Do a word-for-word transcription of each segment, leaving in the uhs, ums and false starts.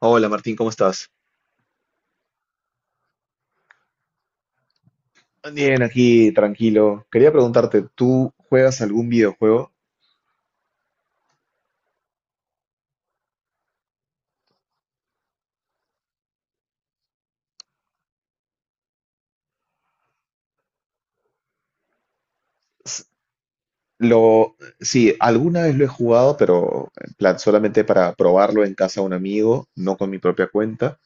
Hola Martín, ¿cómo estás? Bien, aquí tranquilo. Quería preguntarte, ¿tú juegas algún videojuego? S- Lo, sí, alguna vez lo he jugado, pero en plan solamente para probarlo en casa de un amigo, no con mi propia cuenta,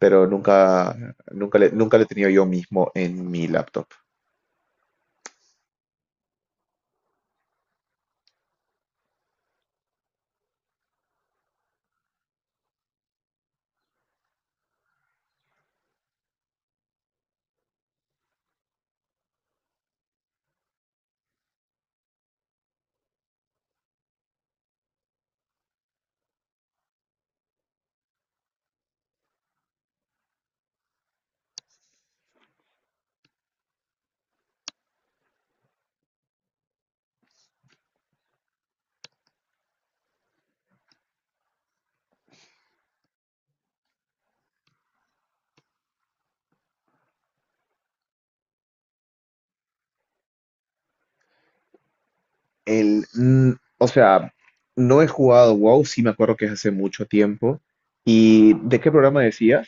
pero nunca, nunca le, nunca lo he tenido yo mismo en mi laptop. El, mm, o sea, no he jugado WoW, sí me acuerdo que es hace mucho tiempo. ¿Y de qué programa decías?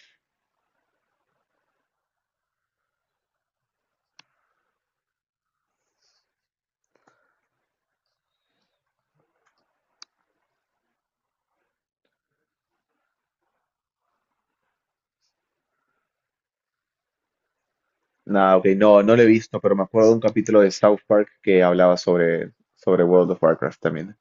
Nada, ok, no, no lo he visto, pero me acuerdo de un capítulo de South Park que hablaba sobre, sobre World of Warcraft también.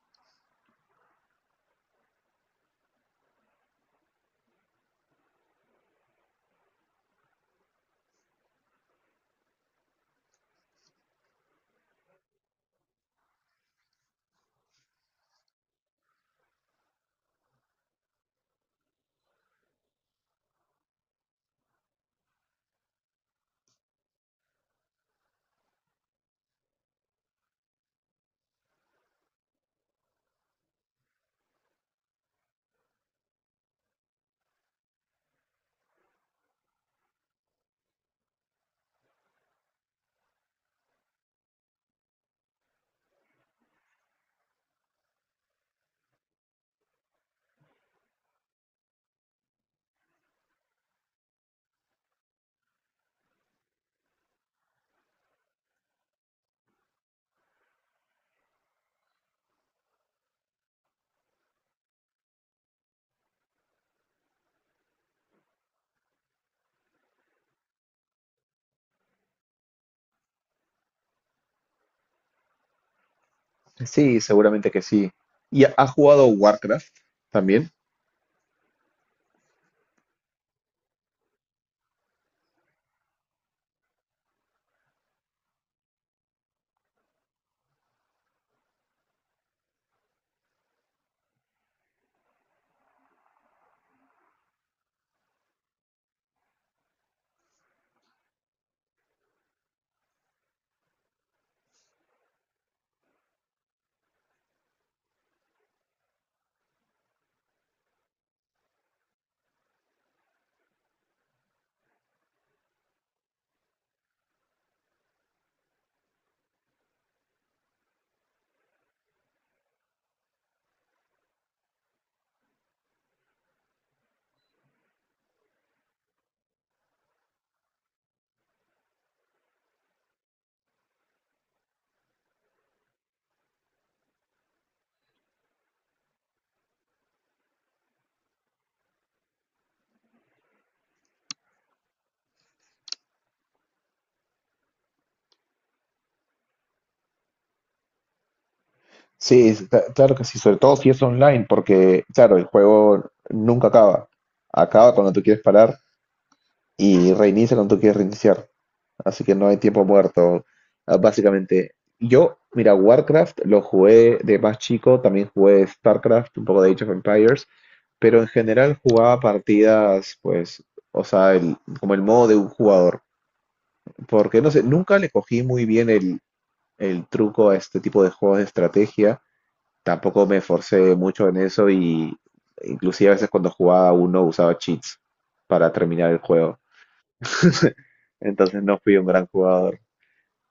Sí, seguramente que sí. ¿Y ha ha jugado Warcraft también? Sí, es- cla- claro que sí, sobre todo si es online, porque, claro, el juego nunca acaba. Acaba cuando tú quieres parar y reinicia cuando tú quieres reiniciar. Así que no hay tiempo muerto, ah, básicamente. Yo, mira, Warcraft lo jugué de más chico, también jugué StarCraft, un poco de Age of Empires, pero en general jugaba partidas, pues, o sea, el- como el modo de un jugador. Porque no sé, nunca le cogí muy bien el, el truco a este tipo de juegos de estrategia. Tampoco me esforcé mucho en eso y inclusive a veces cuando jugaba uno usaba cheats para terminar el juego. Entonces no fui un gran jugador.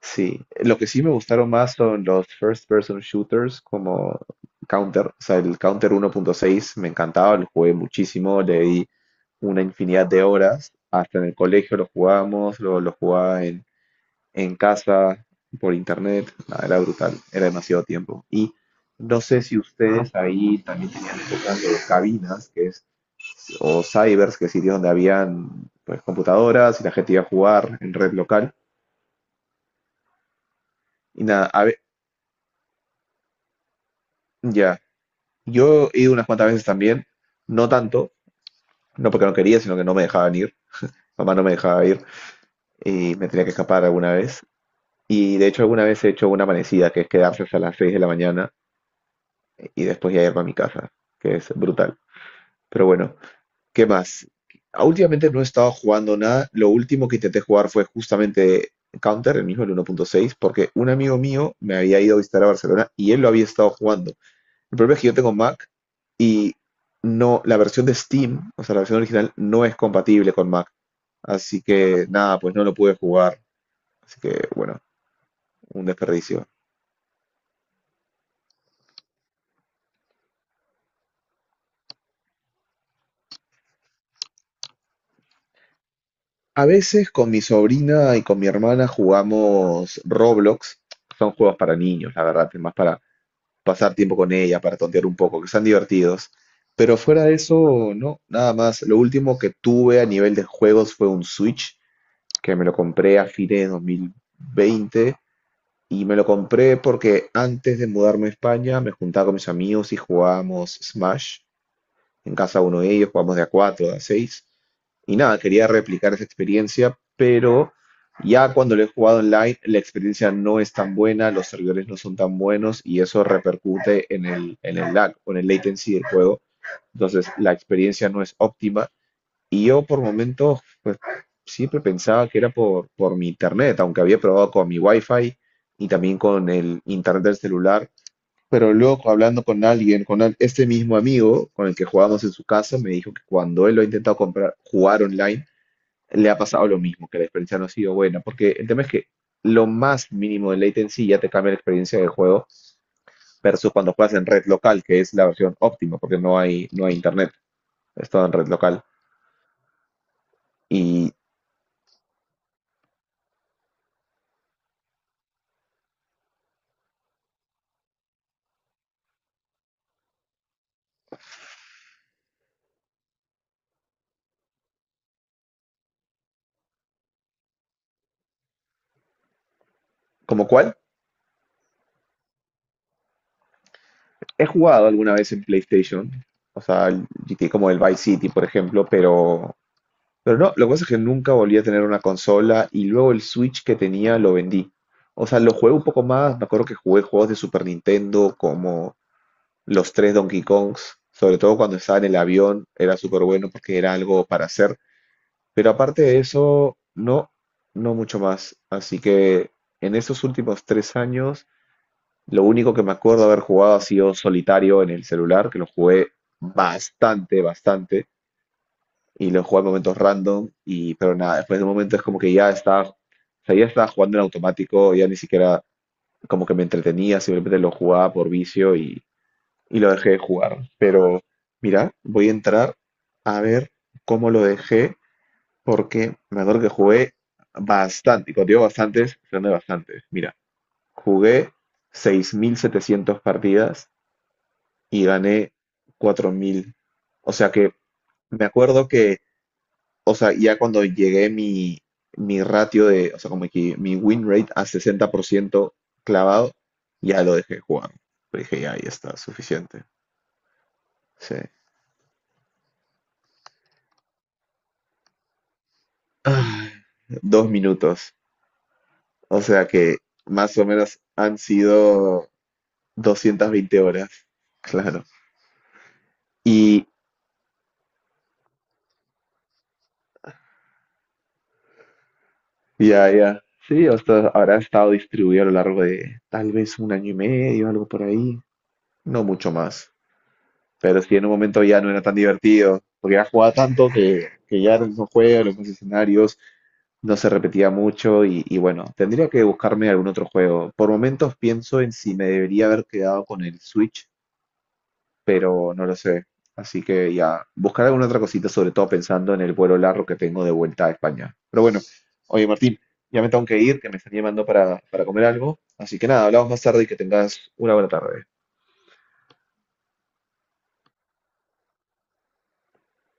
Sí, lo que sí me gustaron más son los first person shooters como Counter, o sea, el Counter uno punto seis me encantaba, lo jugué muchísimo, le di una infinidad de horas, hasta en el colegio lo jugábamos, luego lo jugaba en, en casa, por internet, nada, era brutal, era demasiado tiempo. Y no sé si ustedes ahí también tenían épocas de cabinas, que es, o cybers, que es sitio donde habían pues computadoras y la gente iba a jugar en red local. Y nada, a ve- ya. Yo he ido unas cuantas veces también, no tanto, no porque no quería, sino que no me dejaban ir. Mamá no me dejaba ir y me tenía que escapar alguna vez. Y de hecho alguna vez he hecho una amanecida, que es quedarse hasta las seis de la mañana y después ya irme a mi casa, que es brutal. Pero bueno, ¿qué más? Ah, últimamente no he estado jugando nada. Lo último que intenté jugar fue justamente Counter, el mismo el uno punto seis, porque un amigo mío me había ido a visitar a Barcelona y él lo había estado jugando. El problema es que yo tengo Mac y no, la versión de Steam, o sea, la versión original, no es compatible con Mac. Así que nada, pues no lo pude jugar. Así que bueno, un desperdicio. A veces con mi sobrina y con mi hermana jugamos Roblox. Son juegos para niños, la verdad, es más para pasar tiempo con ella, para tontear un poco, que están divertidos. Pero fuera de eso, no, nada más. Lo último que tuve a nivel de juegos fue un Switch, que me lo compré a fines de dos mil veinte. Y me lo compré porque antes de mudarme a España me juntaba con mis amigos y jugábamos Smash. En casa uno de ellos jugábamos de a cuatro de a seis. Y nada, quería replicar esa experiencia, pero ya cuando lo he jugado online la experiencia no es tan buena, los servidores no son tan buenos y eso repercute en el, en el lag o en el latency del juego. Entonces la experiencia no es óptima y yo por momentos, pues siempre pensaba que era por, por mi internet, aunque había probado con mi wifi y también con el internet del celular. Pero luego hablando con alguien, con al- este mismo amigo con el que jugábamos en su casa, me dijo que cuando él lo ha intentado comprar, jugar online, le ha pasado lo mismo, que la experiencia no ha sido buena, porque el tema es que lo más mínimo de latency ya te cambia la experiencia del juego versus cuando juegas en red local, que es la versión óptima, porque no hay, no hay internet, es todo en red local. ¿Y como cuál? He jugado alguna vez en PlayStation, o sea, el G T A como el Vice City, por ejemplo, pero, pero no, lo que pasa es que nunca volví a tener una consola y luego el Switch que tenía lo vendí. O sea, lo jugué un poco más, me acuerdo que jugué juegos de Super Nintendo como los tres Donkey Kongs, sobre todo cuando estaba en el avión, era súper bueno porque era algo para hacer, pero aparte de eso, no, no mucho más. Así que en estos últimos tres años... Lo único que me acuerdo haber jugado ha sido solitario en el celular, que lo jugué bastante, bastante, y lo jugué en momentos random, y pero nada, después de un momento es como que ya estaba, o sea, ya estaba jugando en automático, ya ni siquiera como que me entretenía, simplemente lo jugaba por vicio y, y lo dejé de jugar. Pero mira, voy a entrar a ver cómo lo dejé, porque me acuerdo que jugué bastante, y cuando digo bastantes, son de bastantes. Mira, jugué seis mil setecientas partidas y gané cuatro mil. O sea que me acuerdo que, o sea, ya cuando llegué mi, mi ratio de, o sea, como que mi win rate a sesenta por ciento clavado, ya lo dejé jugar. Dije, ya, ya está, suficiente. Sí. Ay, dos minutos. O sea que más o menos han sido doscientas veinte horas. Claro. Y ya, ya. Sí, o sea, habrá estado distribuido a lo largo de tal vez un año y medio, algo por ahí. No mucho más. Pero sí, en un momento ya no era tan divertido, porque ya jugaba tanto que, que ya era el mismo juego, los mismos escenarios, no se repetía mucho y, y bueno, tendría que buscarme algún otro juego. Por momentos pienso en si me debería haber quedado con el Switch, pero no lo sé. Así que ya, buscar alguna otra cosita, sobre todo pensando en el vuelo largo que tengo de vuelta a España. Pero bueno, oye Martín, ya me tengo que ir, que me están llamando para, para comer algo. Así que nada, hablamos más tarde y que tengas una buena tarde.